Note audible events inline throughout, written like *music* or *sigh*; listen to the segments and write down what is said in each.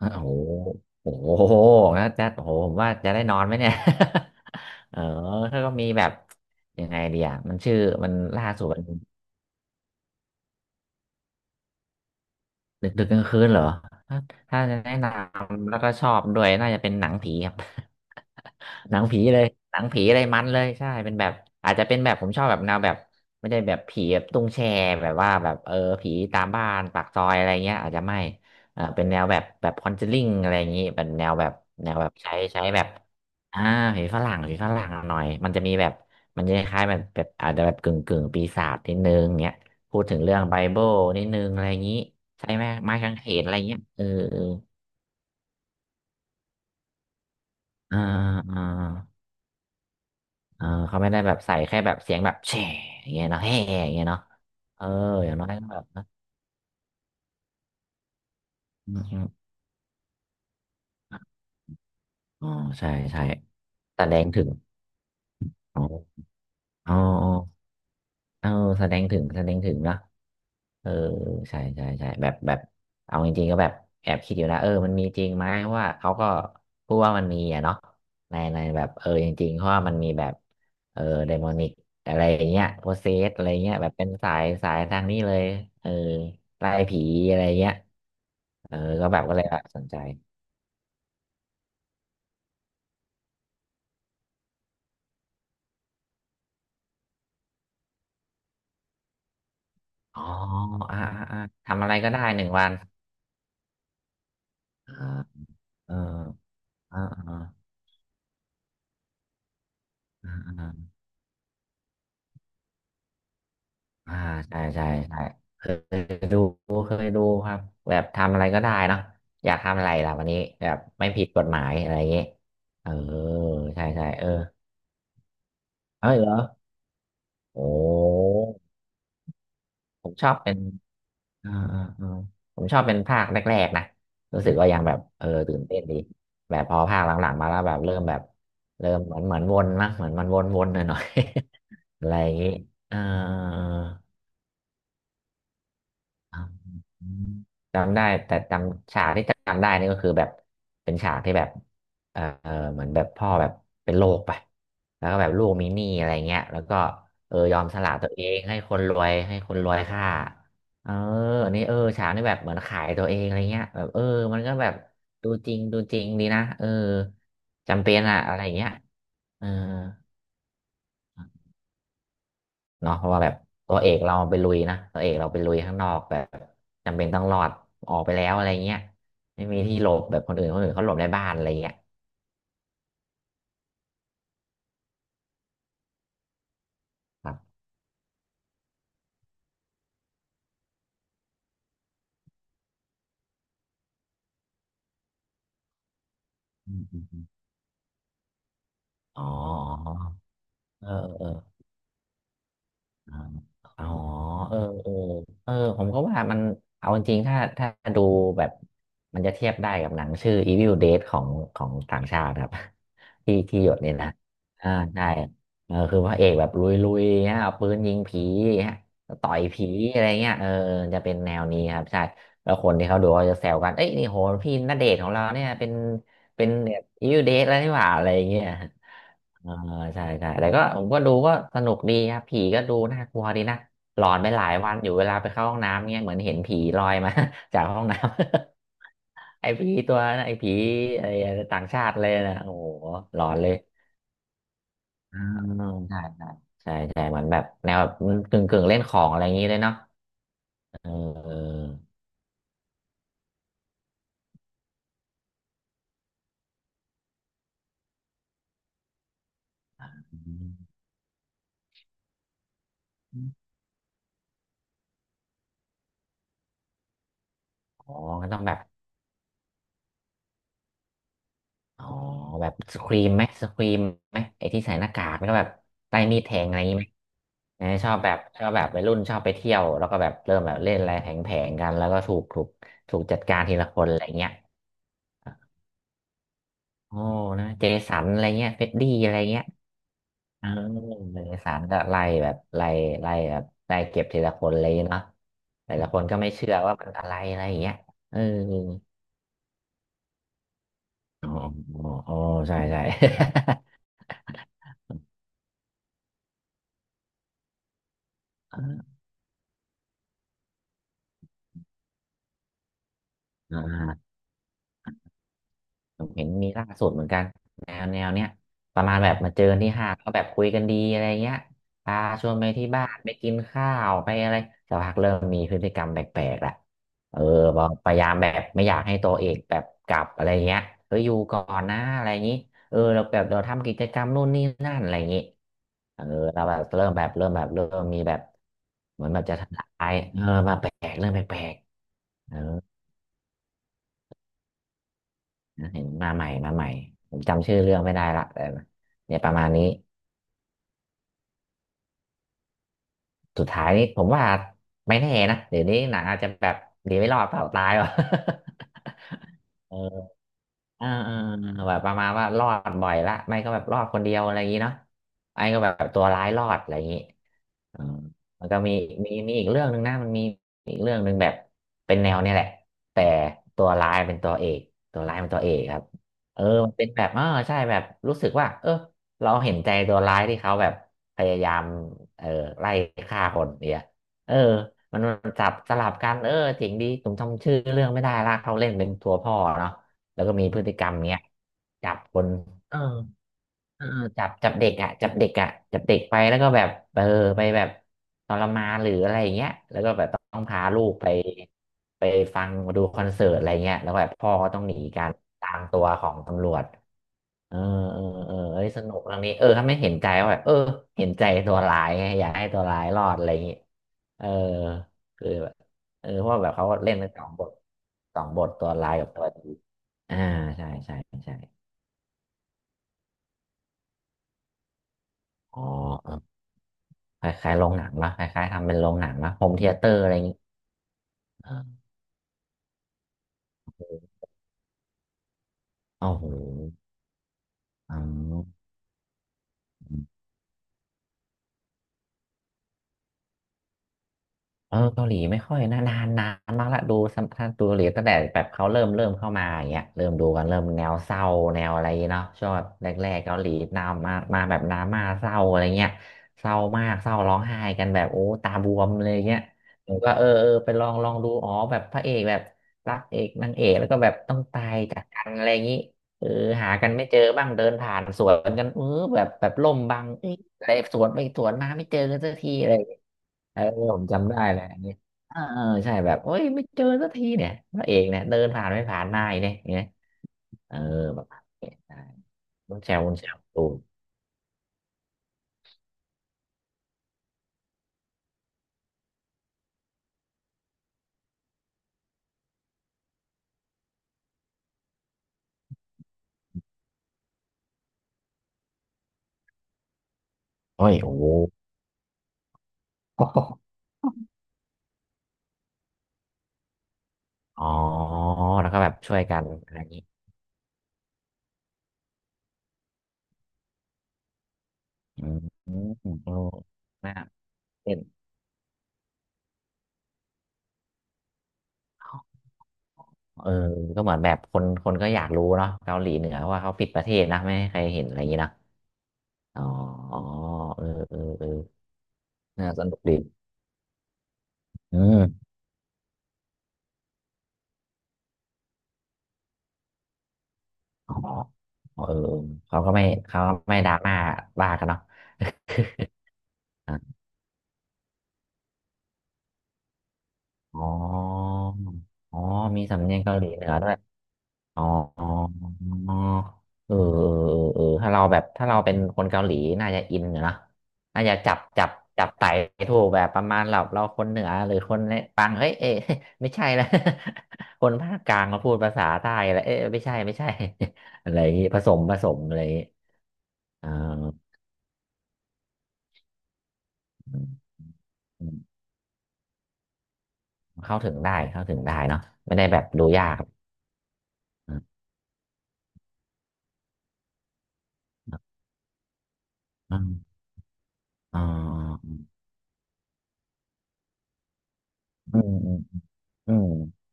อ่ะโอ้โหโอ้โหแล้วจะโอ้โหผมว่าจะได้นอนไหมเนี่ย *laughs* เออถ้าก็มีแบบยังไงดีอ่ะมันชื่อมันล่าสุดมัน ดึกดึกกลางคืนเหรอถ้าถ้าจะแนะนำแล้วก็ชอบด้วยน่าจะเป็นหนังผีครับ *laughs* หนังผีเลย หนังผีเลยมันเลยใช่เป็นแบบอาจจะเป็นแบบผมชอบแบบแนวแบบไม่ได้แบบผีแบบตุ้งแชร์แบบว่าแบบเออผีตามบ้านปากซอยอะไรเงี้ยอาจจะไม่เออเป็นแนวแบบแบบคอนเจลิ่งอะไรอย่างงี้เป็นแนวแบบแนวแบบใช้แบบอ่าผีฝรั่งผีฝรั่งหน่อยมันจะมีแบบมันจะคล้ายๆแบบแบบอาจจะแบบกึ่งกึ่งปีศาจนิดนึงเงี้ยพูดถึงเรื่องไบเบิลนิดนึงอะไรอย่างนี้ ใช้ไม้กางเขนอะไรเงี้ยเออเอออ่าอ่าอ่าเขาไม่ได้แบบใส่แค่แบบเสียงแบบแฉอย่างเงี้ยเนาะแฮ่อย่างเงี้ยเนาะเอออย่างน้อยก็แบบนะอืมอืมอ๋อใช่ใช่แต่แดงถึงอ๋ออ๋อ เออแสดงถึงแสดงถึงเนาะเออใช่ใช่ใช่แบบแบบเอาจริงๆก็แบบแอบคิดอยู่นะเออมันมีจริงไหมเพราะว่าเขาก็พูดว่ามันมีอะเนาะในแบบเออจริงๆเพราะว่ามันมีแบบเออไดมอนิกอะไรอย่างเงี้ยโพเซสอะไรเงี้ยแบบเป็นสายทางนี้เลยเออไล่ผีอะไรเงี้ยเออก็แบบก็เลยแบบสนใจอ๋ออ่าอ่าอ่าทำอะไรก็ได้หนึ่งวันอ่าเอออ่าอ่าอ่า อ่าใช่ใช่ใช่เคยดูเคยดูครับแบบทำอะไรก็ได้เนอะอยากทำอะไรล่ะวันนี้แบบไม่ผิดกฎหมายอะไรอย่างงี้เออใช่ใช่เออเอ้ยเหรอโอ้ผมชอบเป็นอ่าอ่าอ่าผมชอบเป็นภาคแรกๆนะรู้สึกว่ายังแบบเออตื่นเต้นดีแบบพอภาคหลังๆมาแล้วแบบเริ่มแบบเริ่มเหมือนวนมั้งเหมือนมันวนๆหน่อยๆ *laughs* อะไรอย่างงี้เออ อ่าจำได้แต่จำฉากที่จำได้นี่ก็คือแบบเป็นฉากที่แบบเออเหมือนแบบพ่อแบบเป็นโรคไปแล้วก็แบบลูกมีหนี้อะไรเงี้ยแล้วก็เออยอมสละตัวเองให้คนรวยให้คนรวยฆ่าเอออันนี้เออฉากนี่แบบเหมือนขายตัวเองอะไรเงี้ยแบบเออมันก็แบบดูจริงดูจริงดีนะเออจำเป็นอะอะไรเงี้ยเออ เนาะเพราะว่าแบบตัวเอกเราไปลุยนะตัวเอกเราไปลุยข้างนอกแบบจำเป็นต้องรอดออกไปแล้วอะไรเงี้ยไม่มีที่หลบแบบคนอื่นเขาหลบในบ้านอะไรเงี้ยครับอืมอืมอมอ๋อเออเออ อ่าอ๋อเออเออเออผมก็ว่ามันเอาจริงๆถ้าดูแบบ มันจะเทียบได้กับหนังชื่อ Evil Dead ของต่างชาติครับ *laughs* ที่หยดเนี่ยนะ อ่าใช่เออคือพระเอกแบบลุยๆฮะเอาปืนยิงผีฮะต่อยผีอะไรเงี้ยเออจะเป็นแนวนี้ครับใช่แล้วคนที่เขาดูเขาจะแซวกันเอ้ยนี่โหพี่ณเดชน์ของเราเนี่ยเป็นแบบ Evil Dead แล้วนี่หว่าอะไรเงี้ย เอ่าใช่ใช่แต่ก็ผมก็ดูก็สนุกดีครับผีก็ดูน่ากลัวดีนะหลอนไปหลายวันอยู่เวลาไปเข้าห้องน้ำเงี้ยเหมือนเห็นผีลอยมา *laughs* จากห้องน้ำ *laughs* ไอ้ผีตัวนะไอ้ผีไอ้ต่างชาติเลยนะโอ้โหหลอนเลยอ่าใช่ใช่ใช่เหมือนแบบแนวแบบกึ่งกึ่งเล่นของอะไรอย่างนี้เลยเนาะเอออ๋อก็ต้องแบบ อ๋อแบบสครีมไหมสครีมไหมไอ้ที่ใส่หน้ากากแล้วก็แบบใต้มีดแทงอะไรอย่างงี้ไหมเออชอบแบบชอบแบบวัยรุ่นชอบไปเที่ยวแล้วก็แบบเริ่มแบบเล่นอะไรแผงๆกันแล้วก็ถูกถูกจัดการทีละคนอะไรเงี้ยโอ้นะเจสันอะไรเงี้ยเฟดดี้อะไรเงี้ยเออเจสันก็ไล่แบบไล่ไล่แบบไล่เก็บทีละคนเลยเนาะแต่ละคนก็ไม่เชื่อว่ามันอะไรอะไรอย่างเงี้ยเอออ๋ออ๋อใช่ใช่ *laughs* อ่า ผมเห็นมีล่าสุดเหมือนกันแนวเนี้ยประมาณแบบมาเจอกันที่ห้างก็แบบคุยกันดีอะไรเงี้ยพาชวนไปที่บ้านไปกินข้าวไปอะไรสักพักเริ่มมีพฤติกรรมแปลกๆละเออบอกพยายามแบบไม่อยากให้ตัวเอกแบบกลับอะไรเงี้ยเฮ้ยอยู่ก่อนนะอะไรอย่างนี้เออเราทำกิจกรรมนู่นนี่นั่นอะไรอย่างงี้เออเราแบบเริ่มมีแบบเหมือนแบบจะทำลายเออมาแปลกเริ่มแปลกๆเออ นะเห็นมาใหม่มาใหม่ ผมจำชื่อเรื่องไม่ได้ละแต่เนี่ยประมาณนี้สุดท้ายนี่ผมว่าไม่แน่นะเดี๋ยวนี้หนังอาจจะแบบดีไม่รอดเปล่าตายว่ะ *laughs* เออ เออแบบประมาณว่ารอดบ่อยละไม่ก็แบบรอดคนเดียวอะไรอย่างนี้เนาะไอ้ก็แบบตัวร้ายรอดอะไรอย่างนี้อืมมันก็มีมีอีกเรื่องหนึ่งนะมันมีอีกเรื่องหนึ่งแบบเป็นแนวเนี่ยแหละแต่ตัวร้ายเป็นตัวเอกตัวร้ายเป็นตัวเอกครับเออมันเป็นแบบเออใช่แบบรู้สึกว่าเออเราเห็นใจตัวร้ายที่เขาแบบพยายามเออไล่ฆ่าคนเนี่ยเออมันจับสลับกันเออถึงดีผมจำชื่อเรื่องไม่ได้ละเขาเล่นเป็นตัวพ่อเนาะ แล้วก็มีพฤติกรรมเนี้ยจับคนเออจับเด็กอ่ะจับเด็กไปแล้วก็แบบเออไปแบบทรมานหรืออะไรอย่างเงี้ยแล้วก็แบบต้องพาลูกไปฟังดูคอนเสิร์ตอะไรเงี้ยแล้วแบบพ่อก็ต้องหนีการตามตัวของตำรวจเเออออเอ้ยสนุกเรื่องนี้เออถ้าไม่เห็นใจว่าแบบเออเห็นใจตัวร้ายไงอยากให้ตัวร้ายรอดอะไรอย่างงี้เออคือแบบเออเพราะว่าแบบเขาเล่นทั้งสองบทสองบทตัวร้ายกับตัวดี อ่าใช่ใช่อ๋อเออคล้ายๆโรงหนังนะคล้ายๆทำเป็นโรงหนังนะโฮมเธียเตอร์อะไรอย่างงี้เออโอ้โหอืม เออเกาหลีไม่ค่อยนะนานมากละดูสัมท่านธ์ดูเกาหลีตั้งแต่แบบเขาเริ่มเข้ามาอย่างเงี้ยเริ่มดูกันเริ่มแนวเศร้าแนวอะไรเนาะชอบแรกๆเกาหลีนำมาแบบดราม่าเศร้าอะไรเงี้ยเศร้ามากเศร้าร้องไห้กันแบบโอ้ตาบวมเลยเงี้ยผมก็เออไปลองดูอ๋อแบบพระเอกแบบรักเอกนางเอกแล้วก็แบบต้องตายจากกันอะไรอย่างงี้เออหากันไม่เจอบ้างเดินผ่านสวนกันเออแบบล่มบังเอ้ยอะไรสวนไปสวนมาไม่เจอกันสักทีอะไร เออผมจำได้เลยอันนี้เออใช่แบบโอ้ยไม่เจอสักทีเนี่ยพระเอกเนี่ยเดินผ่านไม่ผ่านหน้าอีกเนี่ยอย่างเงี้ยเออแบบเนี่ยได้คุณแชมป์ตูนโอ้ยโอ้โห *laughs* อ๋อแล้วก็แบบช่วยกันอะไรอย่างงี้อืมเออนาเป็นเออก็เหมือนแบบคนก็อยากรู้เนาะเกาหลีเหนือว่าเขาปิดประเทศนะไม่ให้ใครเห็นอะไรอย่างงี้นะอ๋อเออน่าสนุกดีอืม อ๋อเออเขาก็ไม่ดราม่าว่ากันเนาะ *laughs* อะอ๋ออ๋อมีสำเนียงเกาหลีเหนือด้วยอ๋ออ๋อเออถ้าเราแบบถ้าเราเป็นคนเกาหลีน่าจะอินอยู่นะน่าจะจับไต่ถูกแบบประมาณเราคนเหนือหรือคนเนี่ยปังเฮ้ยเอ๊ะ *laughs* ไม่ใช่นะ *laughs* คนภาคกลางมาพูดภาษาใต้แล้วเอ๊ะไม่ใช่ *laughs* อะไรอย่างงี้ผสมอะไรอย่างงี้อ่า เข้าถึงได้เนาะไม่ได้แบบดูยากอืมอืมอ๋ออืมอืมอืม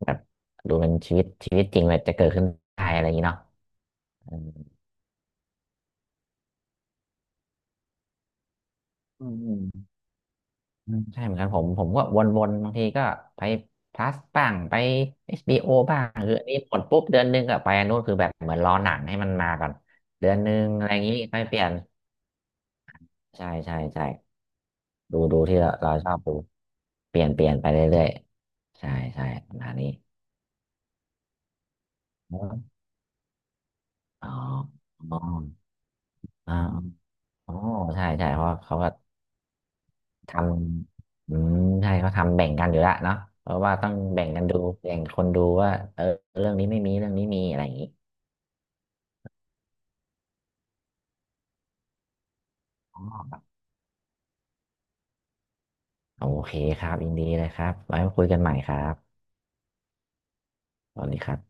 แบบดูเป็นชีวิตจริงแบบจะเกิดขึ้นได้อะไรอย่างนี้เนาะอืมอืมอืมอืมใช่เหมือนกันผมก็วนๆบางทีก็ไปพลัสบ้างไปเอชบี b o บ้างคืออันนี้หมดปุ๊บเดือนหนึงก็ไปอันนู้นคือแบบเหมือนรอหนังให้มันมาก่อนเดือนหนึงอะไรอย่างนี้ค่อยเปลี่ยนใช่ใช่ดูที่เราชอบดูเปลี่ยนไปเรื่อยๆใช่ใช่ประมาณนี้ อ๋ออ๋ออ๋ออ๋อใช่ใช่เพราะเขาก็ทำอืมใช่เขาทำแบ่งกันอยู่ละเนาะเพราะว่าต้องแบ่งกันดู แบ่งคนดูว่าเออเรื่องนี้ไม่มี เรื่องนี้มีอะไรอย่างนี้อ๋อโอเคครับยินดีเลยครับไว้มาคุยกันใหม่ครับสวัสดีครับ